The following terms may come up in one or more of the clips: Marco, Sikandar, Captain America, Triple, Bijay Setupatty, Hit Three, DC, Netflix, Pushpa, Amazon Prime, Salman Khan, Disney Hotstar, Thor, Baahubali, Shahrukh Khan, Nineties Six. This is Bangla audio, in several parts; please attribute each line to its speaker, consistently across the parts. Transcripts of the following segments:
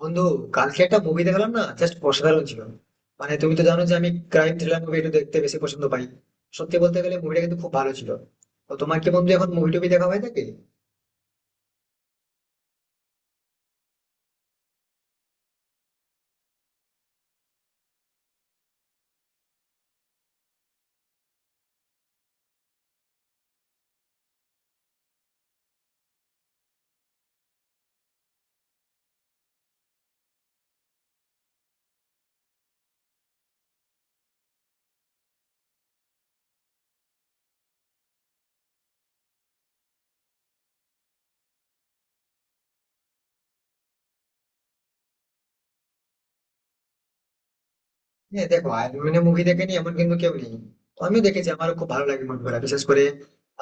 Speaker 1: বন্ধু, কালকে একটা মুভি দেখলাম না, জাস্ট অসাধারণ ছিল। মানে তুমি তো জানো যে আমি ক্রাইম থ্রিলার মুভি একটু দেখতে বেশি পছন্দ পাই। সত্যি বলতে গেলে মুভিটা কিন্তু খুব ভালো ছিল। তো তোমার কি বন্ধু এখন মুভি টুভি দেখা হয়ে থাকে? হ্যাঁ, দেখো অ্যানিমে মুভি দেখেনি এমন কিন্তু কেউ নেই। তো আমিও দেখেছি, আমারও খুব ভালো লাগে মুভিগুলো। বিশেষ করে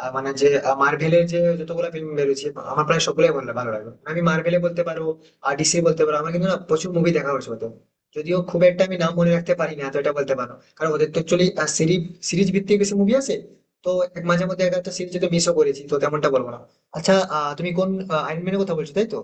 Speaker 1: মানে যে মার্ভেলের যে যতগুলো ফিল্ম বেরোচ্ছে আমার প্রায় সবগুলোই ভালো ভালো লাগে। মানে আমি মার্ভেলে বলতে পারো আর ডিসি বলতে পারো, আমার কিন্তু না প্রচুর মুভি দেখা হয়েছে ওদের। যদিও খুব একটা আমি নাম মনে রাখতে পারি না, তো এটা বলতে পারো, কারণ ওদের তো অ্যাকচুয়ালি সিরিজ সিরিজ ভিত্তিক বেশি মুভি আছে। তো এক মাঝে মধ্যে একটা একটা সিরিজ যদি মিসও করেছি তো তেমনটা বলবো না। আচ্ছা, তুমি কোন আইনম্যানের কথা বলছো তাই তো?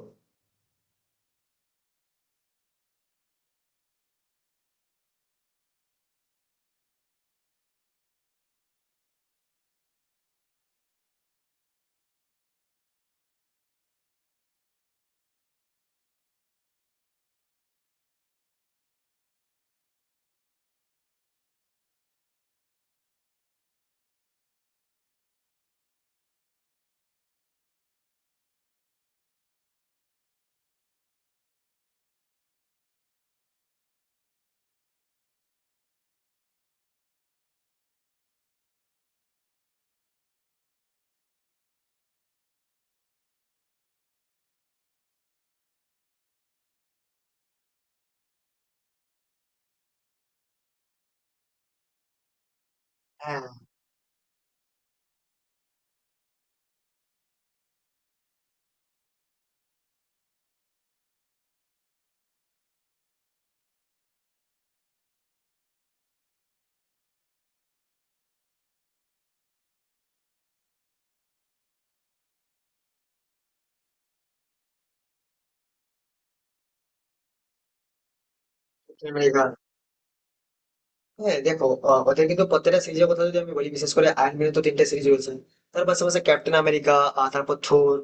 Speaker 1: হ্যাঁ, হ্যাঁ, দেখো, ওদের কিন্তু প্রত্যেকটা সিরিজের কথা যদি আমি বলি, বিশেষ করে আয়রন ম্যানের তো তিনটা সিরিজ রয়েছে। তার পাশাপাশি ক্যাপ্টেন আমেরিকা, তারপর থোর।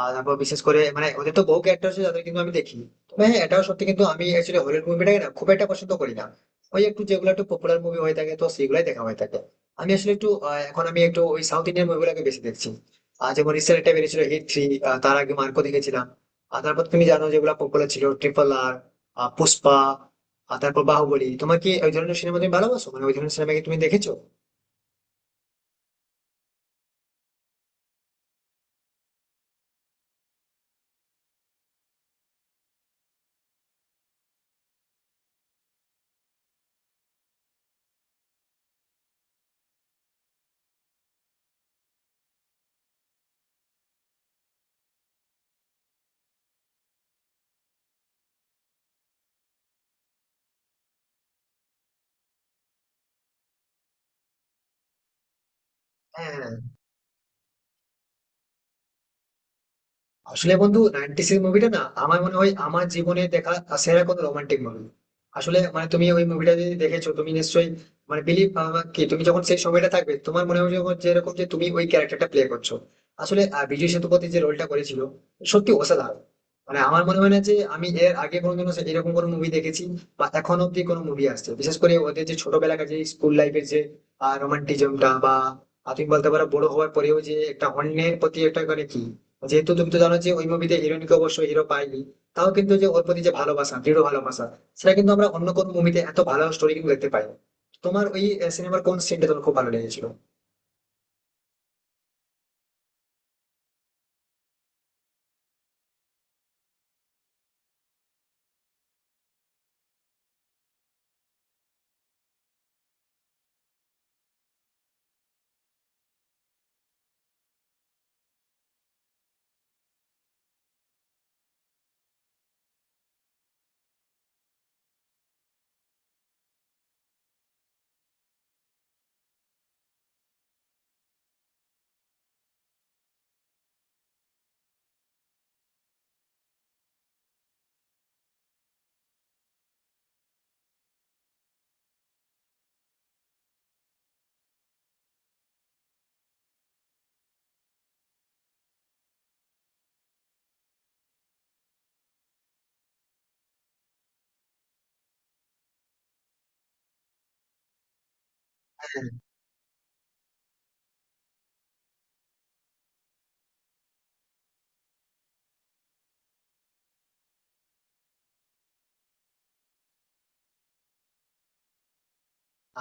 Speaker 1: আর তারপর বিশেষ করে মানে ওদের তো বহু ক্যারেক্টার আছে যাদের কিন্তু আমি দেখি। তবে হ্যাঁ, এটাও সত্যি, কিন্তু আমি অ্যাকচুয়ালি হলিউড মুভিটাকে না খুব একটা পছন্দ করি না। ওই একটু যেগুলো একটু পপুলার মুভি হয়ে থাকে তো সেগুলাই দেখা হয়ে থাকে। আমি আসলে একটু এখন আমি একটু ওই সাউথ ইন্ডিয়ান মুভিগুলোকে বেশি দেখছি। আর যেমন রিসেন্ট একটা বেরিয়েছিল হিট 3। তার আগে মার্কো দেখেছিলাম। আর তারপর তুমি জানো যেগুলো পপুলার ছিল, ট্রিপল আর, পুষ্পা আর তারপর বাহুবলী। তোমার কি ওই ধরনের সিনেমা তুমি ভালোবাসো? মানে ওই ধরনের সিনেমা কি তুমি দেখেছো? হ্যাঁ। আসলে বন্ধু, 96 মুভিটা না আমার মনে হয় আমার জীবনে দেখা সেরা কোনো রোমান্টিক মুভি। আসলে মানে তুমি ওই মুভিটা যদি দেখেছো তুমি নিশ্চয়ই মানে বিলিভ কি তুমি যখন সেই সময়টা থাকবে তোমার মনে হবে, যখন যেরকম যে তুমি ওই ক্যারেক্টারটা প্লে করছো। আসলে বিজয় সেতুপতি যে রোলটা করেছিল, সত্যি অসাধারণ। মানে আমার মনে হয় না যে আমি এর আগে কোনোদিনও এরকম কোনো মুভি দেখেছি বা এখন অব্দি কোনো মুভি আসছে, বিশেষ করে ওদের যে ছোটবেলাকার যে স্কুল লাইফের যে রোমান্টিজমটা বা তুমি বলতে পারো বড় হওয়ার পরেও যে একটা অন্যের প্রতি একটা মানে কি। যেহেতু তুমি তো জানো যে ওই মুভিতে হিরোইনকে অবশ্যই হিরো পাইনি, তাও কিন্তু যে ওর প্রতি যে ভালোবাসা, দৃঢ় ভালোবাসা সেটা কিন্তু আমরা অন্য কোনো মুভিতে এত ভালো স্টোরি কিন্তু দেখতে পাই না। তোমার ওই সিনেমার কোন সিনটা তোমার খুব ভালো লেগেছিল?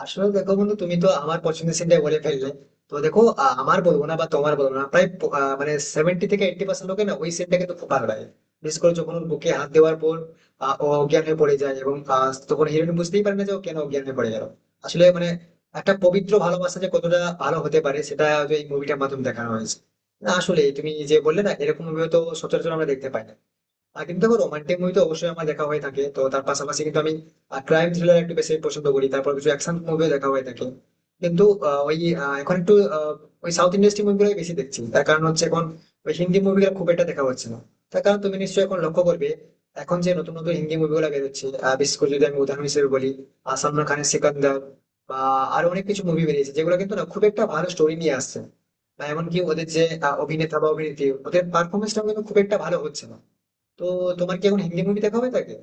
Speaker 1: আসলে দেখো বন্ধু, তুমি তো আমার পছন্দের সিনটাই বলে ফেললে। তো দেখো, আমার বলবো না বা তোমার বলবো না, প্রায় মানে 70-80% লোকে না ওই সিনটাকে তো খুব ভালো লাগে। বিশেষ করে যখন ওর বুকে হাত দেওয়ার পর ও অজ্ঞান হয়ে পড়ে যায়, এবং তখন হিরোইন বুঝতেই পারে না যে ও কেন অজ্ঞান হয়ে পড়ে গেল। আসলে মানে একটা পবিত্র ভালোবাসা যে কতটা ভালো হতে পারে সেটা হয়তো এই মুভিটার মাধ্যমে দেখানো হয়েছে। না, আসলে তুমি যে বললে না এরকম মুভি তো সচরাচর আমরা দেখতে পাই না। আর কিন্তু দেখো রোমান্টিক মুভি তো অবশ্যই আমার দেখা হয়ে থাকে, তো তার পাশাপাশি কিন্তু আমি ক্রাইম থ্রিলার একটু বেশি পছন্দ করি, তারপর কিছু অ্যাকশন মুভিও দেখা হয়ে থাকে। কিন্তু ওই এখন একটু ওই সাউথ ইন্ডাস্ট্রি মুভিগুলোই বেশি দেখছি। তার কারণ হচ্ছে এখন ওই হিন্দি মুভিগুলো খুব একটা দেখা হচ্ছে না। তার কারণ তুমি নিশ্চয়ই এখন লক্ষ্য করবে এখন যে নতুন নতুন হিন্দি মুভিগুলো বেরোচ্ছে, বিশেষ করে যদি আমি উদাহরণ হিসেবে বলি সালমান খানের সিকান্দার বা আরো অনেক কিছু মুভি বেরিয়েছে যেগুলো কিন্তু না খুব একটা ভালো স্টোরি নিয়ে আসছে। বা এমনকি ওদের যে অভিনেতা বা অভিনেত্রী, ওদের পারফরমেন্সটা কিন্তু খুব একটা ভালো হচ্ছে না। তো তোমার কি এখন হিন্দি মুভি দেখা হয়ে থাকে?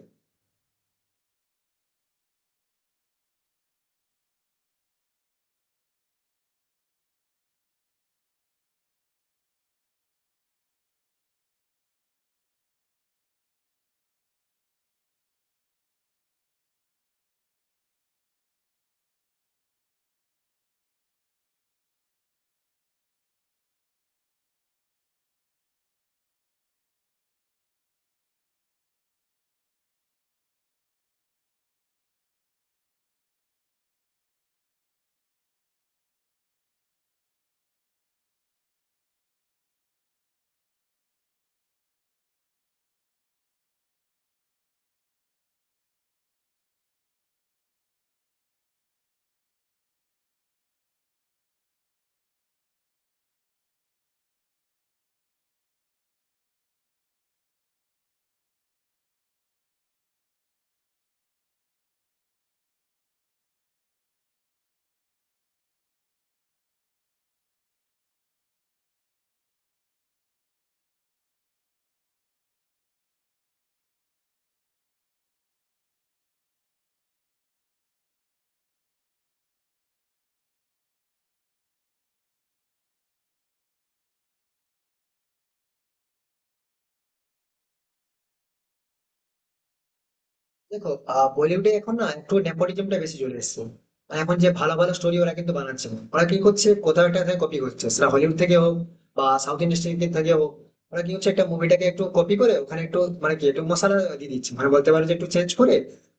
Speaker 1: দেখো, বলিউডে এখন না একটু নেপোটিজমটা বেশি চলে এসেছে। মানে এখন যে ভালো ভালো স্টোরি ওরা কিন্তু বানাচ্ছে না। ওরা কি করছে, কোথাও একটা কপি করছে, সেটা হলিউড থেকে হোক বা সাউথ ইন্ডাস্ট্রি থেকে থেকে হোক। ওরা কি হচ্ছে একটা মুভিটাকে একটু কপি করে ওখানে একটু মানে কি একটু মশলা দিয়ে দিচ্ছে, মানে বলতে পারো যে একটু চেঞ্জ করে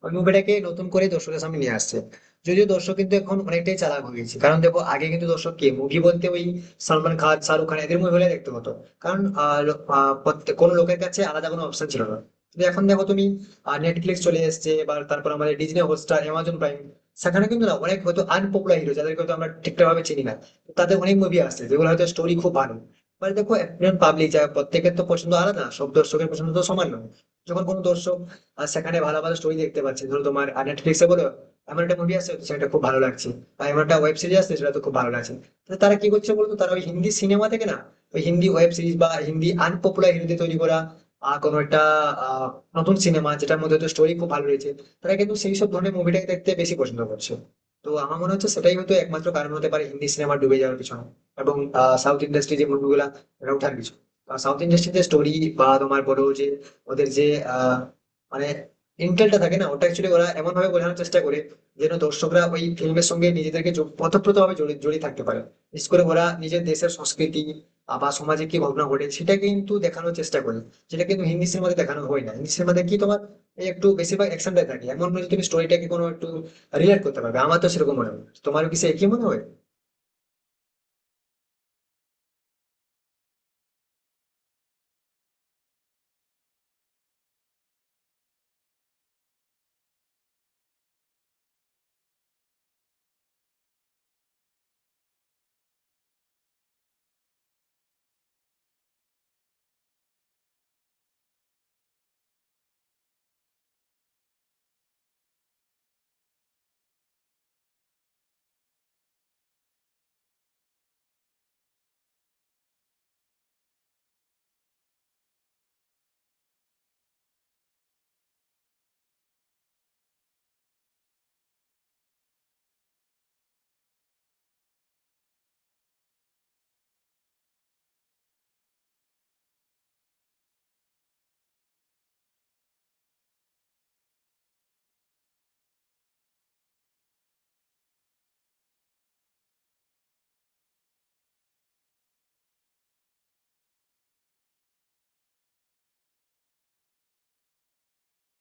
Speaker 1: ওই মুভিটাকে নতুন করে দর্শকের সামনে নিয়ে আসছে। যদিও দর্শক কিন্তু এখন অনেকটাই চালাক হয়ে গেছে, কারণ দেখো আগে কিন্তু দর্শক কি মুভি বলতে ওই সালমান খান, শাহরুখ খান, এদের মুভি দেখতে হতো। কারণ আহ, লো- আহ, প্রত্যেক- কোনো লোকের কাছে আলাদা কোনো অপশন ছিল না। কিন্তু এখন দেখো তুমি, আর নেটফ্লিক্স চলে এসেছে, এবার তারপর আমাদের ডিজনি হটস্টার, অ্যামাজন প্রাইম, সেখানে কিন্তু না অনেক হয়তো আনপপুলার হিরো যাদেরকে হয়তো আমরা ঠিকঠাক ভাবে চিনি না, তাদের অনেক মুভি আসছে যেগুলো হয়তো স্টোরি খুব ভালো। মানে দেখো একজন পাবলিক, যা প্রত্যেকের তো পছন্দ আলাদা, সব দর্শকের পছন্দ তো সমান নয়। যখন কোনো দর্শক সেখানে ভালো ভালো স্টোরি দেখতে পাচ্ছে, ধরো তোমার নেটফ্লিক্সে বলো এমন একটা মুভি আছে সেটা খুব ভালো লাগছে আর এমন একটা ওয়েব সিরিজ আছে সেটা তো খুব ভালো লাগছে, তাহলে তারা কি করছে বলতো, তারা ওই হিন্দি সিনেমা থেকে না ওই হিন্দি ওয়েব সিরিজ বা হিন্দি আনপপুলার হিরোদের তৈরি করা কোনো একটা আহ, নতুন সিনেমা যেটার মধ্যে হয়তো স্টোরি খুব ভালো রয়েছে, তারা কিন্তু সেই সব ধরনের মুভিটাকে দেখতে বেশি পছন্দ করছে। তো আমার মনে হচ্ছে সেটাই হয়তো একমাত্র কারণ হতে পারে হিন্দি সিনেমা ডুবে যাওয়ার পিছনে, এবং সাউথ ইন্ডাস্ট্রি যে মুভিগুলা এটা ওঠার পিছনে। সাউথ ইন্ডাস্ট্রির যে স্টোরি বা তোমার বলো যে ওদের যে আহ, মানে ইন্টেলটা থাকে না ওটা, অ্যাকচুয়ালি ওরা এমন ভাবে বোঝানোর চেষ্টা করে যেন দর্শকরা ওই ফিল্মের সঙ্গে নিজেদেরকে ওতপ্রোত ভাবে জড়িয়ে জড়িয়ে থাকতে পারে। বিশেষ করে ওরা নিজের দেশের সংস্কৃতি বা সমাজে কি ঘটনা ঘটে সেটা কিন্তু দেখানোর চেষ্টা করে, যেটা কিন্তু ইংলিশের মধ্যে দেখানো হয় না। ইংলিশের মধ্যে কি তোমার এই একটু বেশিরভাগ অ্যাকশন থাকে, এমন নয় যে তুমি স্টোরিটাকে কোনো একটু রিলেট করতে পারবে। আমার তো সেরকম মনে হয়, তোমারও কি সে একই মনে হয়?